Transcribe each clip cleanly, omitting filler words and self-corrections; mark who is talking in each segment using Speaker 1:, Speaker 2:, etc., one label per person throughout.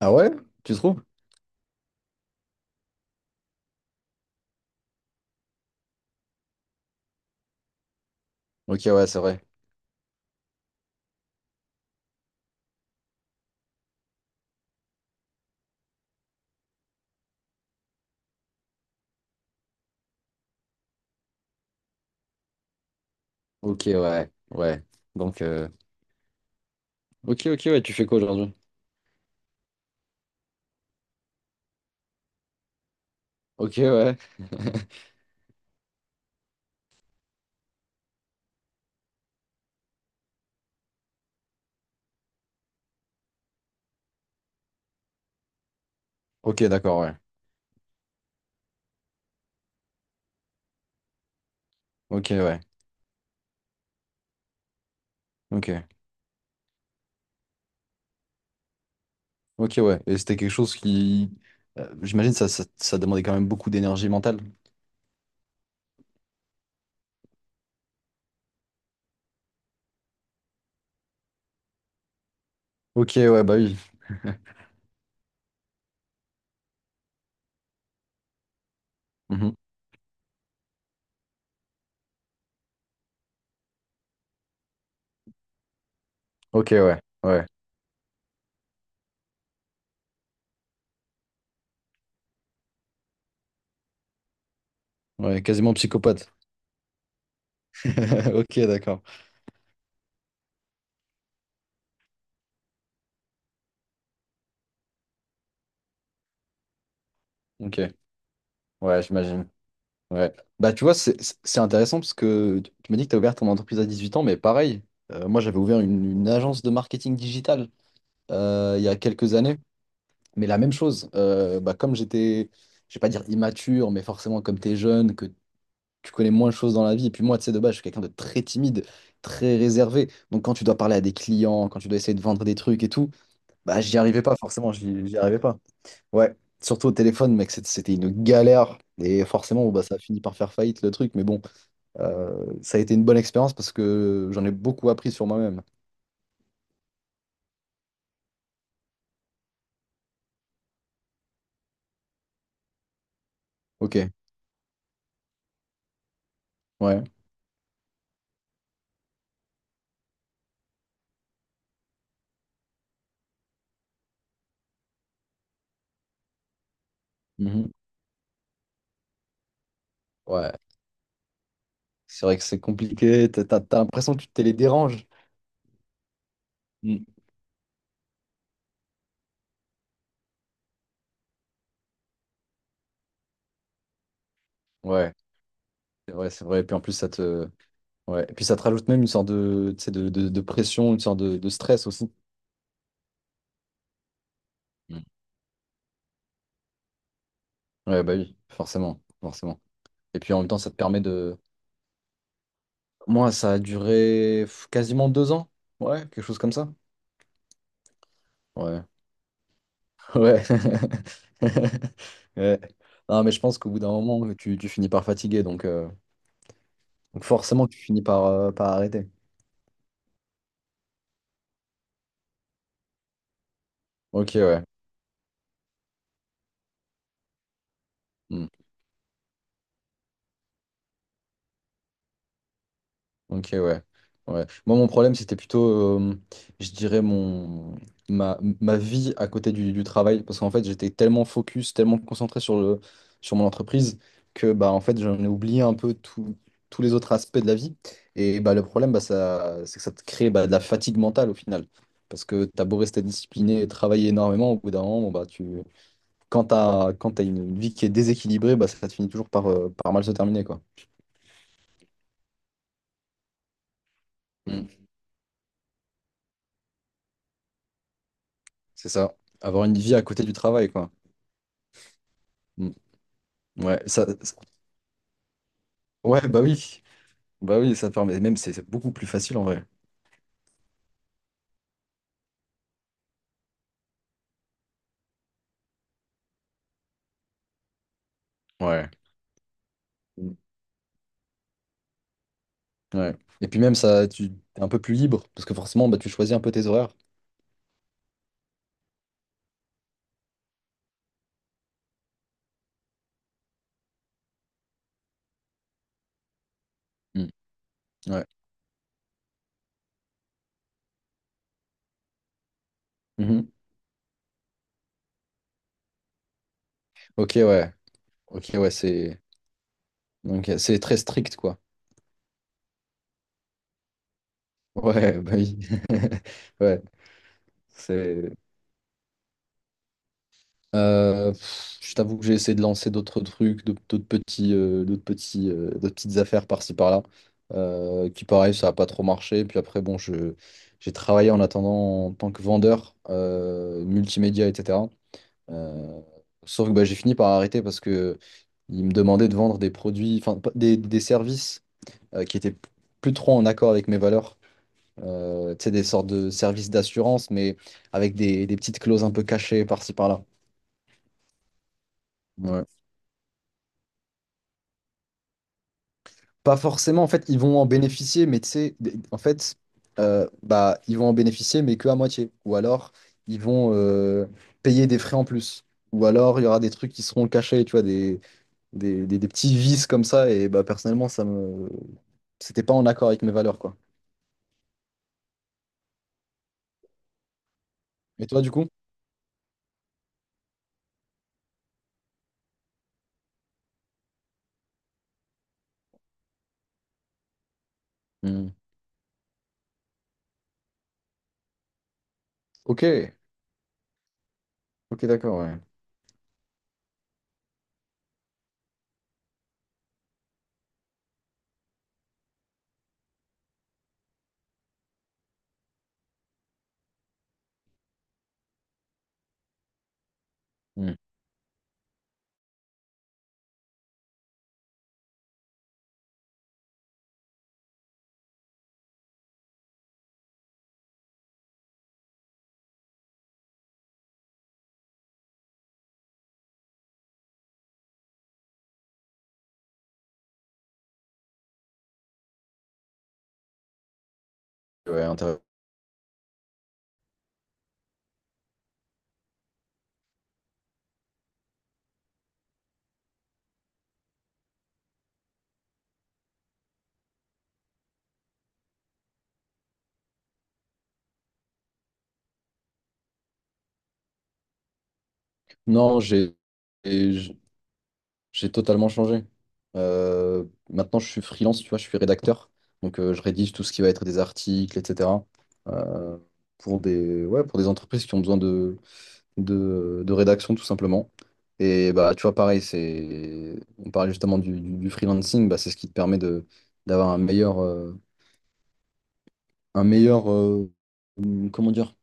Speaker 1: Ah ouais? Tu trouves? Ok, ouais, c'est vrai. Ok, ouais, ouais. Donc, euh, ok, ok, ouais, tu fais quoi aujourd'hui? Ok, ouais. Ok, d'accord, ouais. Ok, ouais. Ok. Ok, ouais. Et c'était quelque chose qui... j'imagine ça demandait quand même beaucoup d'énergie mentale. Ok, ouais, bah oui. Mhm. Ok, ouais. Ouais. Ouais, quasiment psychopathe. Ok, d'accord. Ok. Ouais, j'imagine. Ouais. Bah, tu vois, c'est intéressant parce que tu m'as dit que tu as ouvert ton entreprise à 18 ans, mais pareil, moi j'avais ouvert une agence de marketing digital, il y a quelques années, mais la même chose. Bah, comme j'étais, je vais pas dire immature, mais forcément, comme tu es jeune, que tu connais moins de choses dans la vie, et puis moi, tu sais, de base, je suis quelqu'un de très timide, très réservé. Donc, quand tu dois parler à des clients, quand tu dois essayer de vendre des trucs et tout, bah, j'y arrivais pas, forcément, j'y arrivais pas. Ouais, surtout au téléphone, mec, c'était une galère, et forcément, bon, bah, ça a fini par faire faillite le truc, mais bon. Ça a été une bonne expérience parce que j'en ai beaucoup appris sur moi-même. Ok, ouais. Mhm. Ouais, c'est vrai que c'est compliqué. T'as l'impression que tu te les déranges. Mm. Ouais, c'est vrai, c'est vrai. Et puis en plus, ça te... Ouais. Et puis ça te rajoute même une sorte de, tu sais, de pression, une sorte de stress aussi. Mm. Ouais, bah oui, forcément, forcément. Et puis en même temps, ça te permet de... Moi, ça a duré pff, quasiment deux ans. Ouais, quelque chose comme ça. Ouais. Ouais. Ouais. Non, mais je pense qu'au bout d'un moment, tu finis par fatiguer, donc forcément, tu finis par, par arrêter. Ok, ouais. Hmm. Ok, ouais. Ouais. Moi, mon problème, c'était plutôt, euh, je dirais, ma vie à côté du travail. Parce qu'en fait, j'étais tellement focus, tellement concentré sur le, sur mon entreprise que, bah, en fait, j'en ai oublié un peu tous les autres aspects de la vie. Et bah, le problème, bah, ça, c'est que ça te crée bah, de la fatigue mentale au final. Parce que t'as beau rester discipliné et travailler énormément, au bout d'un moment, bon, bah, tu, quand t'as une vie qui est déséquilibrée, bah, ça te finit toujours par, par mal se terminer, quoi. Mm. C'est ça. Avoir une vie à côté du travail, quoi. Mm. Ouais, ouais, bah oui, ça te permet. Même c'est beaucoup plus facile en vrai. Ouais. Mm. Ouais. Et puis même ça, tu es un peu plus libre parce que forcément, bah tu choisis un peu tes horaires. Mm. Ouais. Mhm. Ok, ouais. Ok, ouais, c'est donc c'est très strict quoi. Ouais, bah oui. Ouais, c'est. Je t'avoue que j'ai essayé de lancer d'autres trucs, d'autres petites affaires par-ci par-là, qui pareil, ça n'a pas trop marché. Puis après, bon, j'ai travaillé en attendant en tant que vendeur, multimédia, etc. Euh, Sauf que bah, j'ai fini par arrêter parce que ils me demandaient de vendre des produits, enfin des services, qui étaient plus trop en accord avec mes valeurs. Tu sais, des sortes de services d'assurance, mais avec des petites clauses un peu cachées par-ci par-là. Pas forcément, en fait, ils vont en bénéficier, mais tu sais, en fait, bah, ils vont en bénéficier, mais que à moitié. Ou alors, ils vont payer des frais en plus. Ou alors, il y aura des trucs qui seront cachés, tu vois, des petits vices comme ça. Et bah, personnellement, ça me... C'était pas en accord avec mes valeurs, quoi. Et toi, du coup? Hmm. Ok, ok, d'accord, ouais. Hmm. Ouais, intéressant. Non, j'ai... J'ai totalement changé. Maintenant, je suis freelance, tu vois, je suis rédacteur. Donc, je rédige tout ce qui va être des articles, etc. euh, pour des, ouais, pour des entreprises qui ont besoin de, de rédaction, tout simplement. Et bah, tu vois, pareil, c'est, on parlait justement du, du freelancing, bah, c'est ce qui te permet de, d'avoir un meilleur, un meilleur, euh, comment dire,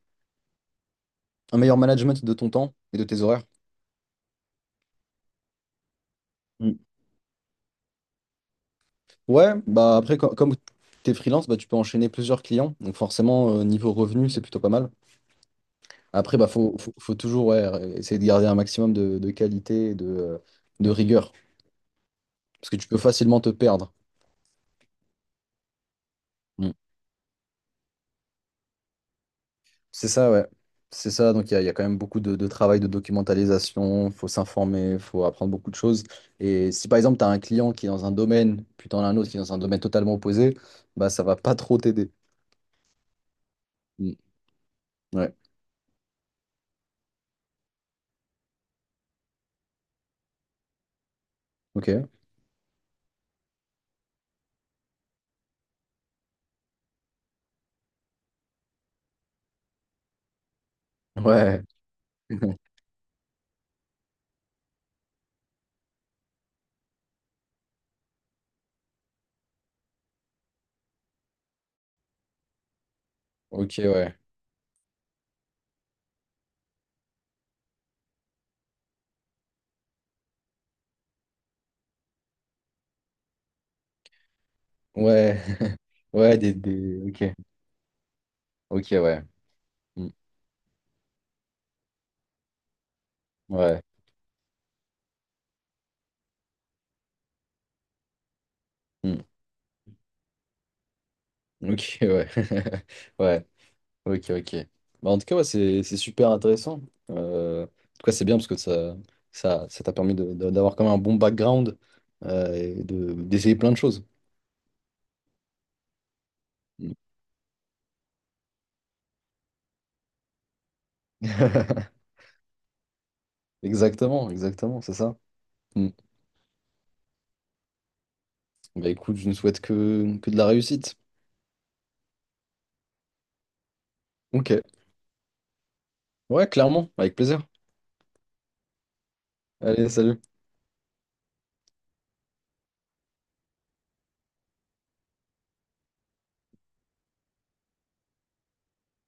Speaker 1: un meilleur management de ton temps et de tes horaires. Ouais, bah après, comme tu es freelance, bah, tu peux enchaîner plusieurs clients. Donc forcément, niveau revenu, c'est plutôt pas mal. Après, bah, faut toujours ouais, essayer de garder un maximum de qualité et de rigueur. Parce que tu peux facilement te perdre. Mm. C'est ça, ouais. C'est ça. Donc il y a quand même beaucoup de travail de documentalisation. Faut s'informer, faut apprendre beaucoup de choses. Et si par exemple, tu as un client qui est dans un domaine, puis tu en as un autre qui est dans un domaine totalement opposé, bah ça va pas trop t'aider. Mm. Ouais. Ok. Ouais. Ok, ouais. Ouais, ouais, des... Ok, ok, ouais. Mm. Ouais, Mm. ok, ouais. Ouais, ok, ok. Bah, en tout cas, ouais, c'est super intéressant. En tout cas, c'est bien parce que ça t'a permis d'avoir quand même un bon background, et de d'essayer plein de choses. Mm. Exactement, exactement, c'est ça. Mm. Bah écoute, je ne souhaite que de la réussite. Ok, ouais, clairement, avec plaisir. Allez, salut.